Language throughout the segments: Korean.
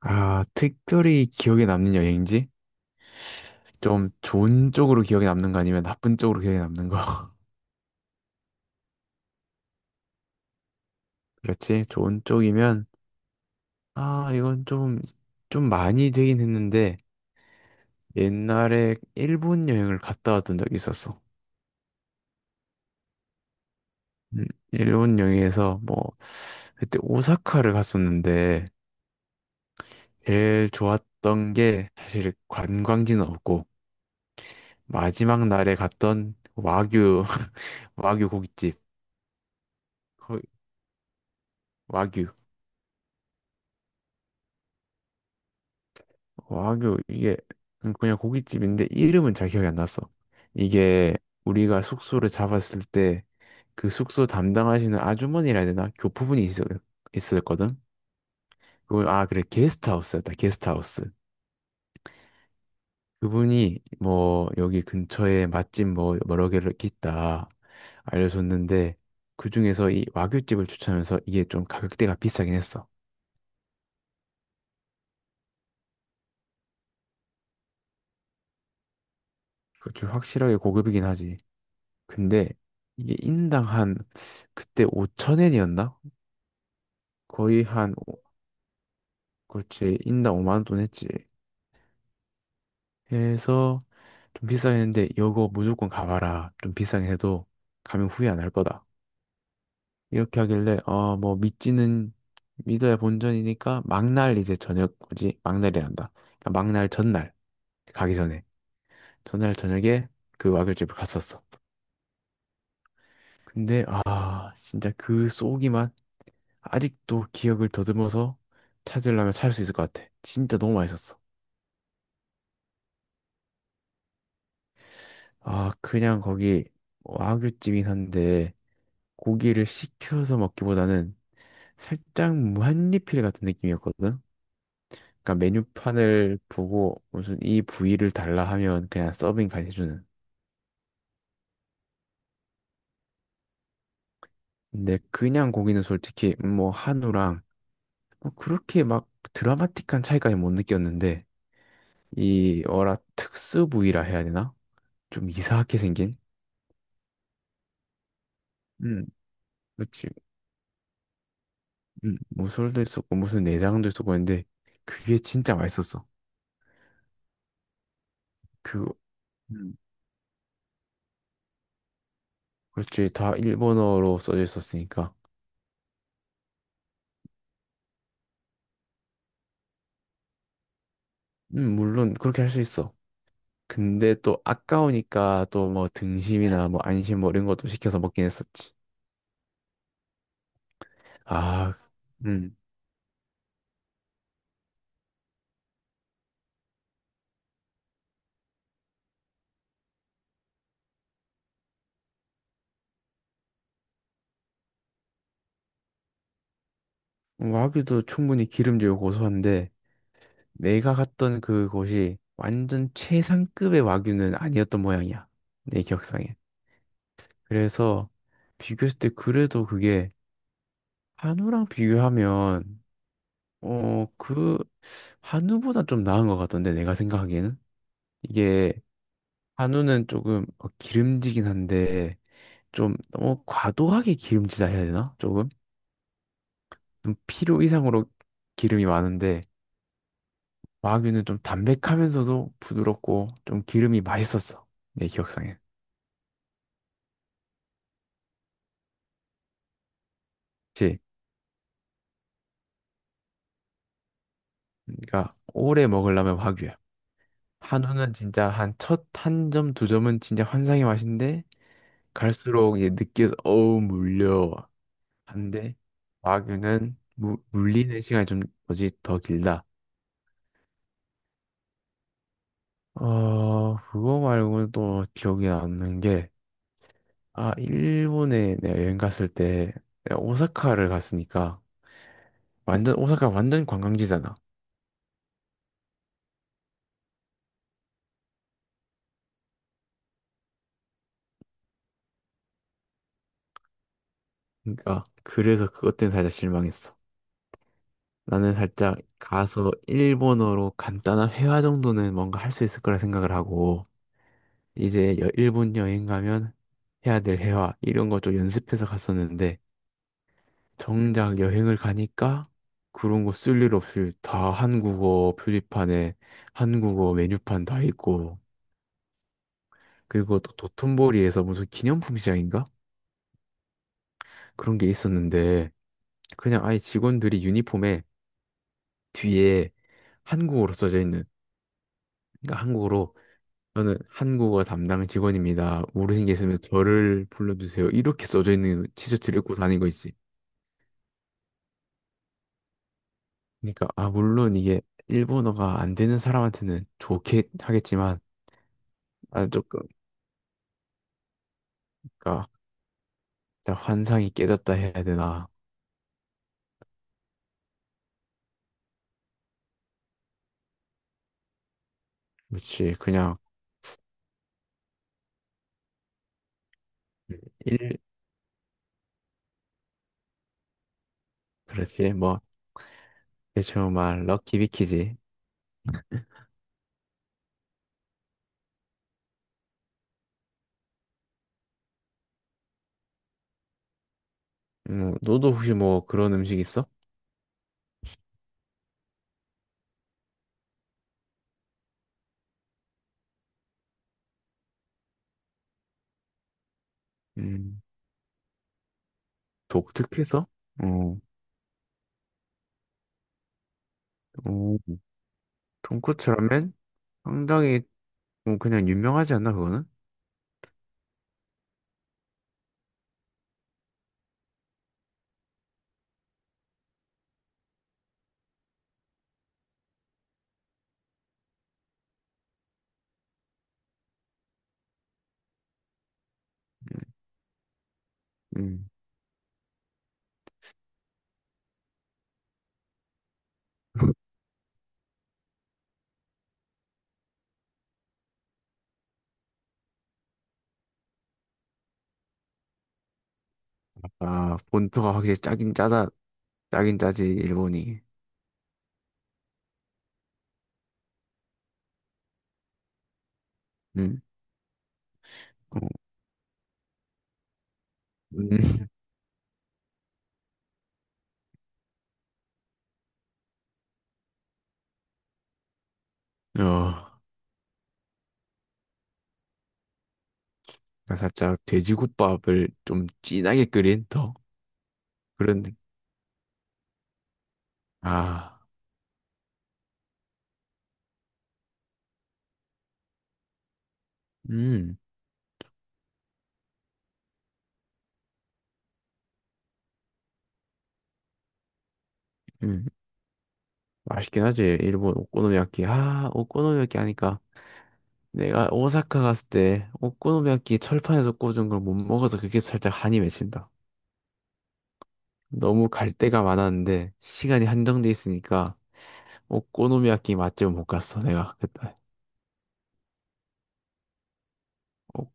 아, 특별히 기억에 남는 여행지? 좀 좋은 쪽으로 기억에 남는 거 아니면 나쁜 쪽으로 기억에 남는 거? 그렇지? 좋은 쪽이면, 아, 이건 좀, 좀 많이 되긴 했는데, 옛날에 일본 여행을 갔다 왔던 적이 있었어. 음, 일본 여행에서 뭐, 그때 오사카를 갔었는데, 제일 좋았던 게 사실 관광지는 없고, 마지막 날에 갔던 와규, 와규 고깃집. 거- 와규. 와규 이게 그냥 고깃집인데 이름은 잘 기억이 안 났어. 이게 우리가 숙소를 잡았을 때 그 숙소 담당하시는 아주머니라 해야 되나? 교포분이 있었거든. 그걸 아 그래 게스트하우스였다. 게스트하우스. 그분이 뭐 여기 근처에 맛집 뭐 여러 개를 이렇게 있다 알려줬는데 그 중에서 이 와규집을 추천하면서 이게 좀 가격대가 비싸긴 했어. 그좀 확실하게 고급이긴 하지. 근데 이게 인당 한 그때 5천엔이었나 거의 한, 오- 그렇지, 인당 5만 원 돈 했지. 해서 좀 비싸긴 했는데, 이거 무조건 가봐라. 좀 비싸긴 해도 가면 후회 안 할 거다. 이렇게 하길래, 어, 뭐, 믿어야 본전이니까, 막날 이제 저녁, 뭐지? 막날이란다. 그러니까 막날 전날, 가기 전에. 전날 저녁에 그 와글집을 갔었어. 근데, 아, 진짜 그 쏘기만 아직도 기억을 더듬어서 찾으려면 찾을 수 있을 것 같아. 진짜 너무 맛있었어. 아, 그냥 거기 와규찜이 한데 고기를 시켜서 먹기보다는 살짝 무한리필 같은 느낌이었거든. 그러니까 메뉴판을 보고 무슨 이 부위를 달라 하면 그냥 서빙까지 해주는. 근데 그냥 고기는 솔직히 뭐 한우랑 뭐 그렇게 막 드라마틱한 차이까지 못 느꼈는데 이 어라 특수 부위라 해야 되나? 좀 이상하게 생긴? 음, 그렇지. 무술도 있었고 무슨 내장도 있었고 했는데 그게 진짜 맛있었어. 그 음. 그렇지. 다 일본어로 써져 있었으니까. 물론 그렇게 할 수 있어. 근데 또 아까우니까 또 뭐 등심이나 뭐 안심 뭐 이런 것도 시켜서 먹긴 했었지. 아, 음. 와규도 충분히 기름지고 고소한데 내가 갔던 그곳이 완전 최상급의 와규는 아니었던 모양이야. 내 기억상에. 그래서 비교했을 때 그래도 그게 한우랑 비교하면 어, 그 한우보다 좀 나은 것 같던데 내가 생각하기에는. 이게 한우는 조금 어, 기름지긴 한데 좀 너무 과도하게 기름지다 해야 되나? 조금 좀 필요 이상으로 기름이 많은데 와규는 좀 담백하면서도 부드럽고 좀 기름이 맛있었어 내 기억상엔. 그치? 그러니까 오래 먹으려면 와규야. 한우는 진짜 한 첫 한 점 두 점은 진짜 환상의 맛인데 갈수록 이제 느끼해서 어우 물려 한데 와규는 물리는 시간이 좀 뭐지 더 길다. 어, 그거 말고는 또 기억이 남는 게, 아, 일본에 내가 여행 갔을 때, 내가 오사카를 갔으니까, 완전, 오사카 완전 관광지잖아. 그러니까, 그래서 그것 때문에 살짝 실망했어. 나는 살짝 가서 일본어로 간단한 회화 정도는 뭔가 할 수 있을 거라 생각을 하고, 이제 일본 여행 가면 해야 될 회화, 이런 거 좀 연습해서 갔었는데, 정작 여행을 가니까 그런 거 쓸 일 없이 다 한국어 표지판에 한국어 메뉴판 다 있고 그리고 또 도톤보리에서 무슨 기념품 시장인가? 그런 게 있었는데 그냥 아예 직원들이 유니폼에 뒤에 한국어로 써져 있는 그러니까 한국어로 저는 한국어 담당 직원입니다. 모르신 게 있으면 저를 불러주세요. 이렇게 써져 있는 티셔츠를 입고 다니거 있지. 그러니까 아 물론 이게 일본어가 안 되는 사람한테는 좋게 하겠지만 아, 조금 그러니까 일단 환상이 깨졌다 해야 되나? 그렇지. 그냥 일 그렇지. 뭐 대충 말 럭키비키지. 너도 혹시 뭐 그런 음식 있어? 음, 독특해서? 어, 어, 돈코츠 라면? 상당히 뭐 그냥 유명하지 않나 그거는? 음. 아, 본토가 확실히 짜긴 짜다. 짜긴 짜지 일본이. 음. 어, 음. 어, 그러니까 살짝 돼지국밥을 좀 진하게 끓인 더 그런 느- 아. 음. 음, 맛있긴 하지. 일본 오코노미야키. 아, 오코노미야키 하니까 내가 오사카 갔을 때 오코노미야키 철판에서 꽂은 걸 못 먹어서 그게 살짝 한이 맺힌다. 너무 갈 데가 많았는데 시간이 한정돼 있으니까 오코노미야키 맛집은 못 갔어, 내가 그때. 어,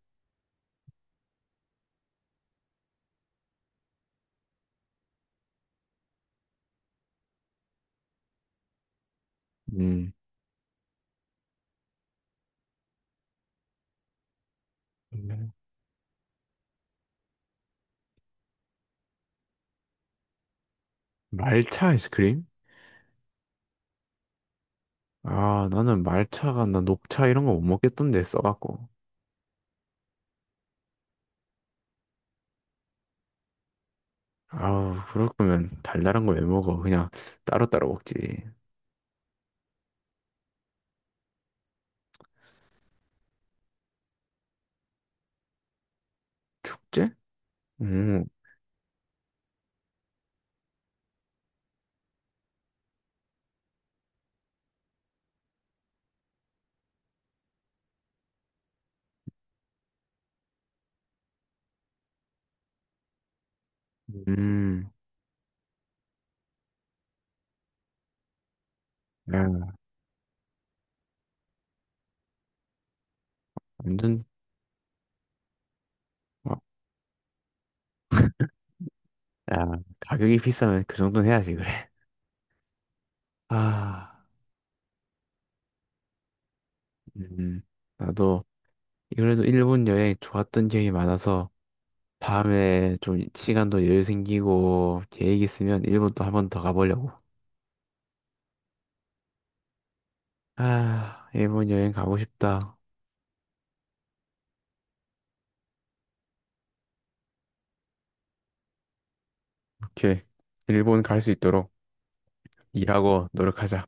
음. 네. 말차 아이스크림? 아, 나는 말차가 나 녹차 이런 거 못 먹겠던데 써갖고. 아, 그럴 거면 달달한 거 왜 먹어? 그냥 따로따로 먹지. 축제? 음. 음. 완전 어, 야 가격이 비싸면 그 정도는 해야지 그래. 아, 음, 나도 그래도 일본 여행 좋았던 기억이 많아서 다음에 좀 시간도 여유 생기고 계획 있으면 일본도 한 번 더 가보려고. 아, 일본 여행 가고 싶다. 오케이, 일본 갈 수 있도록 일하고 노력하자.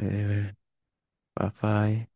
에, 빠빠이.